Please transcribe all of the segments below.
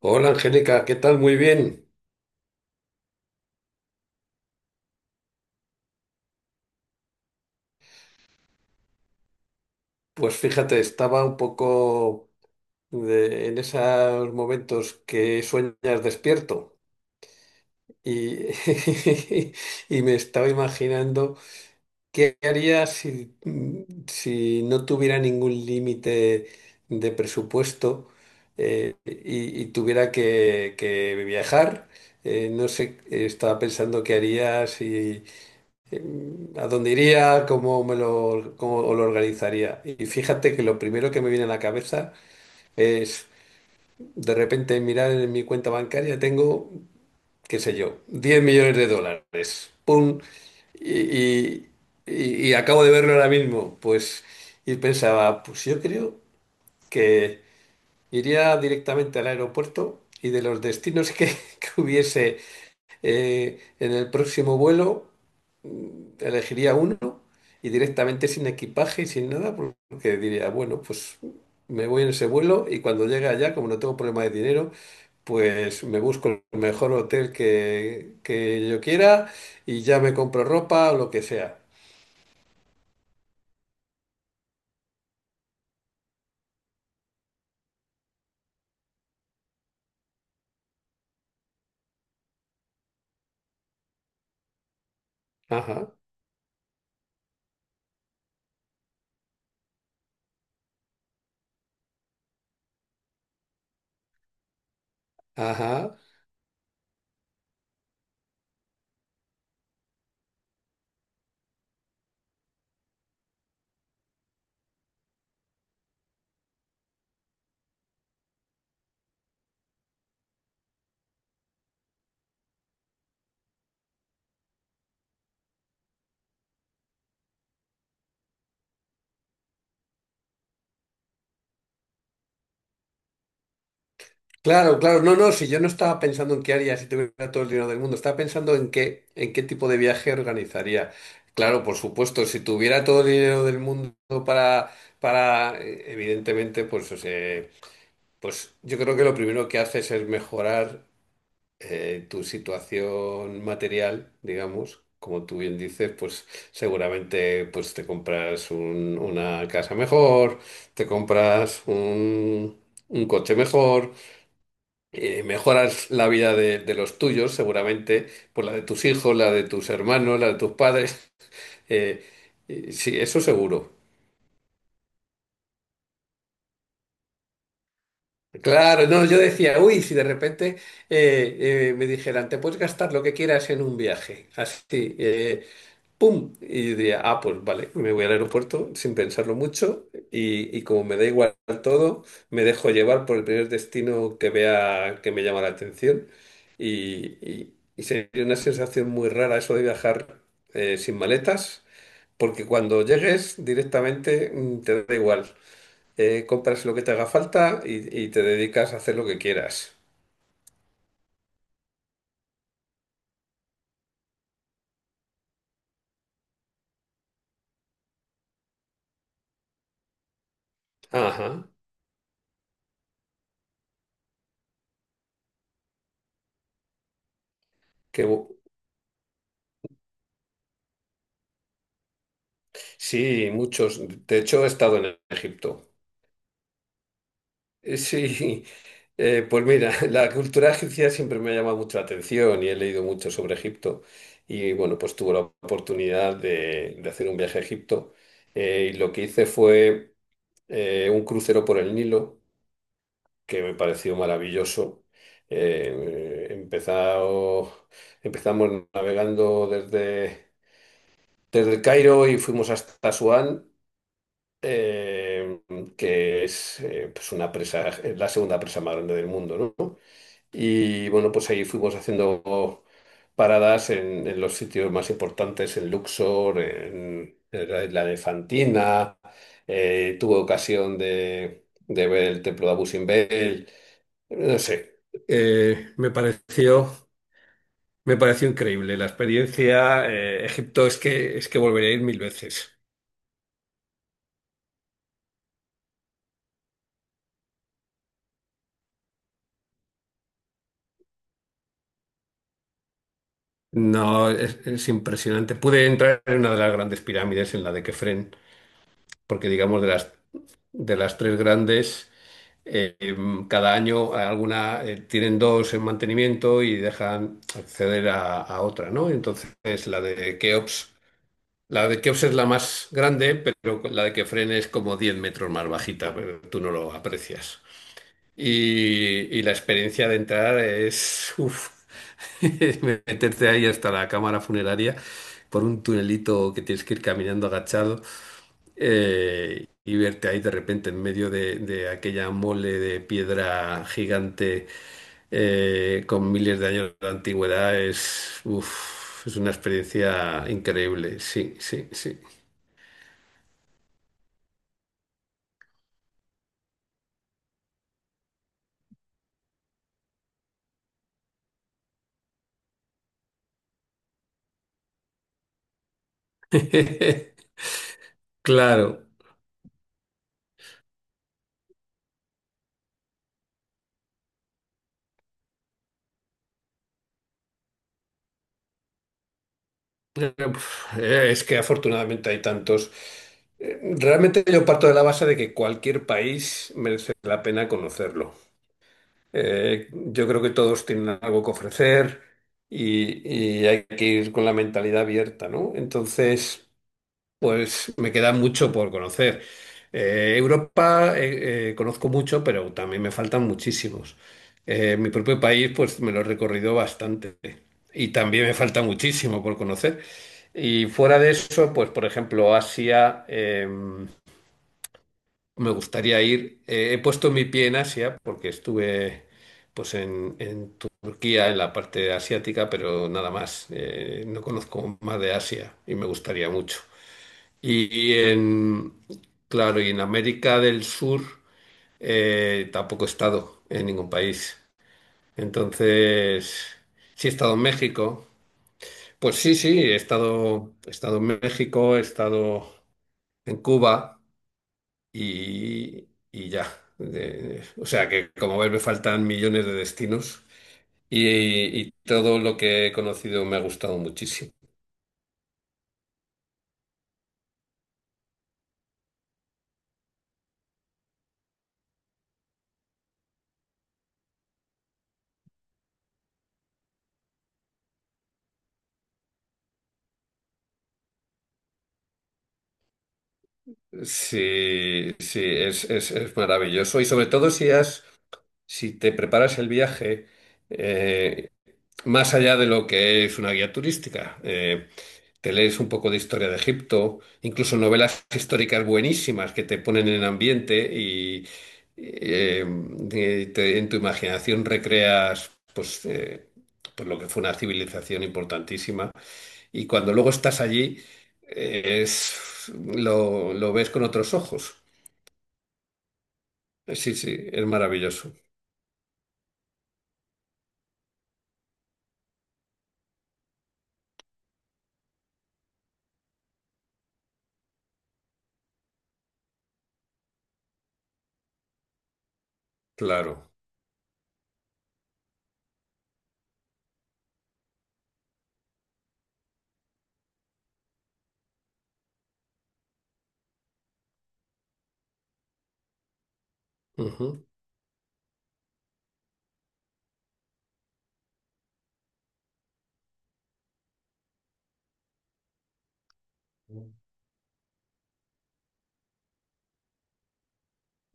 Hola Angélica, ¿qué tal? Muy bien. Pues fíjate, estaba un poco en esos momentos que sueñas despierto y, y me estaba imaginando qué haría si no tuviera ningún límite de presupuesto y tuviera que viajar. No sé, estaba pensando qué haría si a dónde iría, cómo lo organizaría. Y fíjate que lo primero que me viene a la cabeza es de repente mirar en mi cuenta bancaria, tengo, qué sé yo, $10.000.000. ¡Pum! Y, y- y acabo de verlo ahora mismo. Pues, y pensaba, pues yo creo que iría directamente al aeropuerto y de los que hubiese. En el próximo vuelo elegiría uno y directamente sin equipaje y sin nada, porque diría, bueno, pues me voy en ese vuelo y cuando llegue allá, como no tengo problema de dinero, pues me busco el mejor hotel que yo quiera y ya me compro ropa o lo que sea. Ajá, ajá. Claro, claro, no, no, si yo no estaba pensando en qué haría si tuviera todo el dinero del mundo, estaba pensando en en qué tipo de viaje organizaría. Claro, por supuesto, si tuviera todo el dinero del mundo para, para, evidentemente, pues, o sea, pues yo creo que lo primero que haces es mejorar tu situación material, digamos, como tú bien dices, pues seguramente pues te compras una casa mejor, te compras un coche mejor mejoras la vida de los tuyos, seguramente, por la de tus hijos, la de tus hermanos, la de tus padres. eh, sí, eso seguro. Claro, no, yo decía, uy, si de repente me dijeran, te puedes gastar lo que quieras en un viaje, así, ¡pum! Y diría, ah, pues vale, me voy al aeropuerto sin pensarlo mucho y como me da igual todo, me dejo llevar por el primer destino que vea que me llama la atención y sería una sensación muy rara eso de viajar sin maletas, porque cuando llegues directamente te da igual. Compras lo que te haga falta y te dedicas a hacer lo que quieras. Ajá, que sí, muchos. De hecho, he estado en Egipto. Sí, pues mira, la cultura egipcia siempre me ha llamado mucho la atención y he leído mucho sobre Egipto. Y bueno, pues tuve la oportunidad de hacer un viaje a Egipto. Y lo que hice fue un crucero por el Nilo, que me pareció maravilloso. Eh, empezado- Empezamos navegando desde el Cairo y fuimos hasta Asuán, eh, que es pues una presa, es la segunda presa más grande del mundo, ¿no? Y bueno, pues ahí fuimos haciendo paradas en los sitios más importantes, en Luxor, en la isla de Fantina. Tuve ocasión de ver el templo de Abu Simbel. No sé, eh, me pareció, me pareció increíble la experiencia. Egipto es es que volvería a ir mil veces. No, es impresionante. Pude entrar en una de las grandes pirámides, en la de Kefren, porque digamos de de las tres grandes. Cada año alguna, tienen dos en mantenimiento y dejan acceder a otra, ¿no? Entonces la de Keops, la de Keops es la más grande, pero la de Kefren es como 10 metros más bajita, pero tú no lo aprecias. Y la experiencia de entrar es, uf, meterte ahí hasta la cámara funeraria por un tunelito que tienes que ir caminando agachado y verte ahí de repente en medio de aquella mole de piedra gigante con miles de años de antigüedad es, uf, es una experiencia increíble. Sí, sí, sí. Claro. Uf, es que afortunadamente hay tantos. Realmente yo parto de la base de que cualquier país merece la pena conocerlo. Yo creo que todos tienen algo que ofrecer y hay que ir con la mentalidad abierta, ¿no? Entonces... pues me queda mucho por conocer. Europa conozco mucho, pero también me faltan muchísimos. Mi propio país, pues me lo he recorrido bastante y también me falta muchísimo por conocer. Y fuera de eso, pues por ejemplo, Asia, me gustaría ir. He puesto mi pie en Asia porque estuve pues en Turquía, en la parte asiática, pero nada más. No conozco más de Asia y me gustaría mucho. Y, en, claro, y en América del Sur tampoco he estado en ningún país. Entonces, sí he estado en México. Pues sí, sí, he estado en México, he estado en Cuba y ya. O sea que, como ves, me faltan millones de destinos y, y todo lo que he conocido me ha gustado muchísimo. Sí, sí, es maravilloso. Y sobre todo si has... si te preparas el viaje eh, más allá de lo que es una guía turística. Te lees un poco de historia de Egipto, incluso novelas históricas buenísimas que te ponen en ambiente y eh, en tu imaginación recreas pues, pues lo que fue una civilización importantísima. Y cuando luego estás allí, eh, es, lo ves con otros ojos. Sí, sí, es maravilloso, claro. Ujú.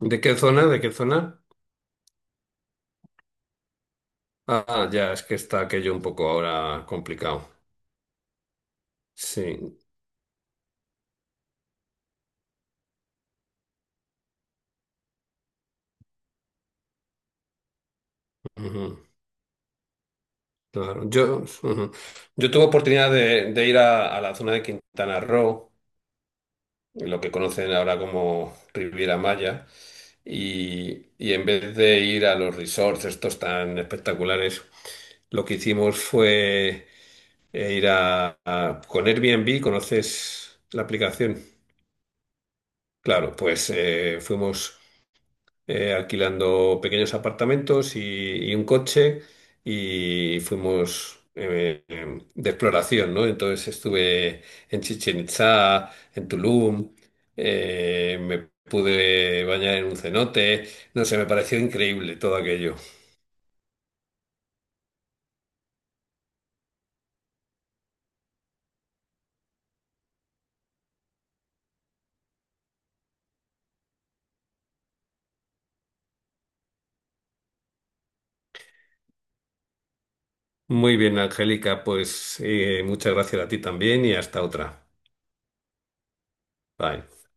¿De qué zona? ¿De qué zona? Ah, ya, es que está aquello un poco ahora complicado. Sí, ujú, claro. Yo, ujú. Yo tuve oportunidad de ir a la zona de Quintana Roo, lo que conocen ahora como Riviera Maya, y en vez de ir a los resorts estos tan espectaculares, lo que hicimos fue ir con Airbnb, ¿conoces la aplicación? Claro, pues fuimos. Alquilando pequeños apartamentos y un coche y fuimos de exploración, ¿no? Entonces estuve en Chichen Itzá, en Tulum, me pude bañar en un cenote, no sé, me pareció increíble todo aquello. Muy bien, Angélica, pues muchas gracias a ti también y hasta otra. Bye.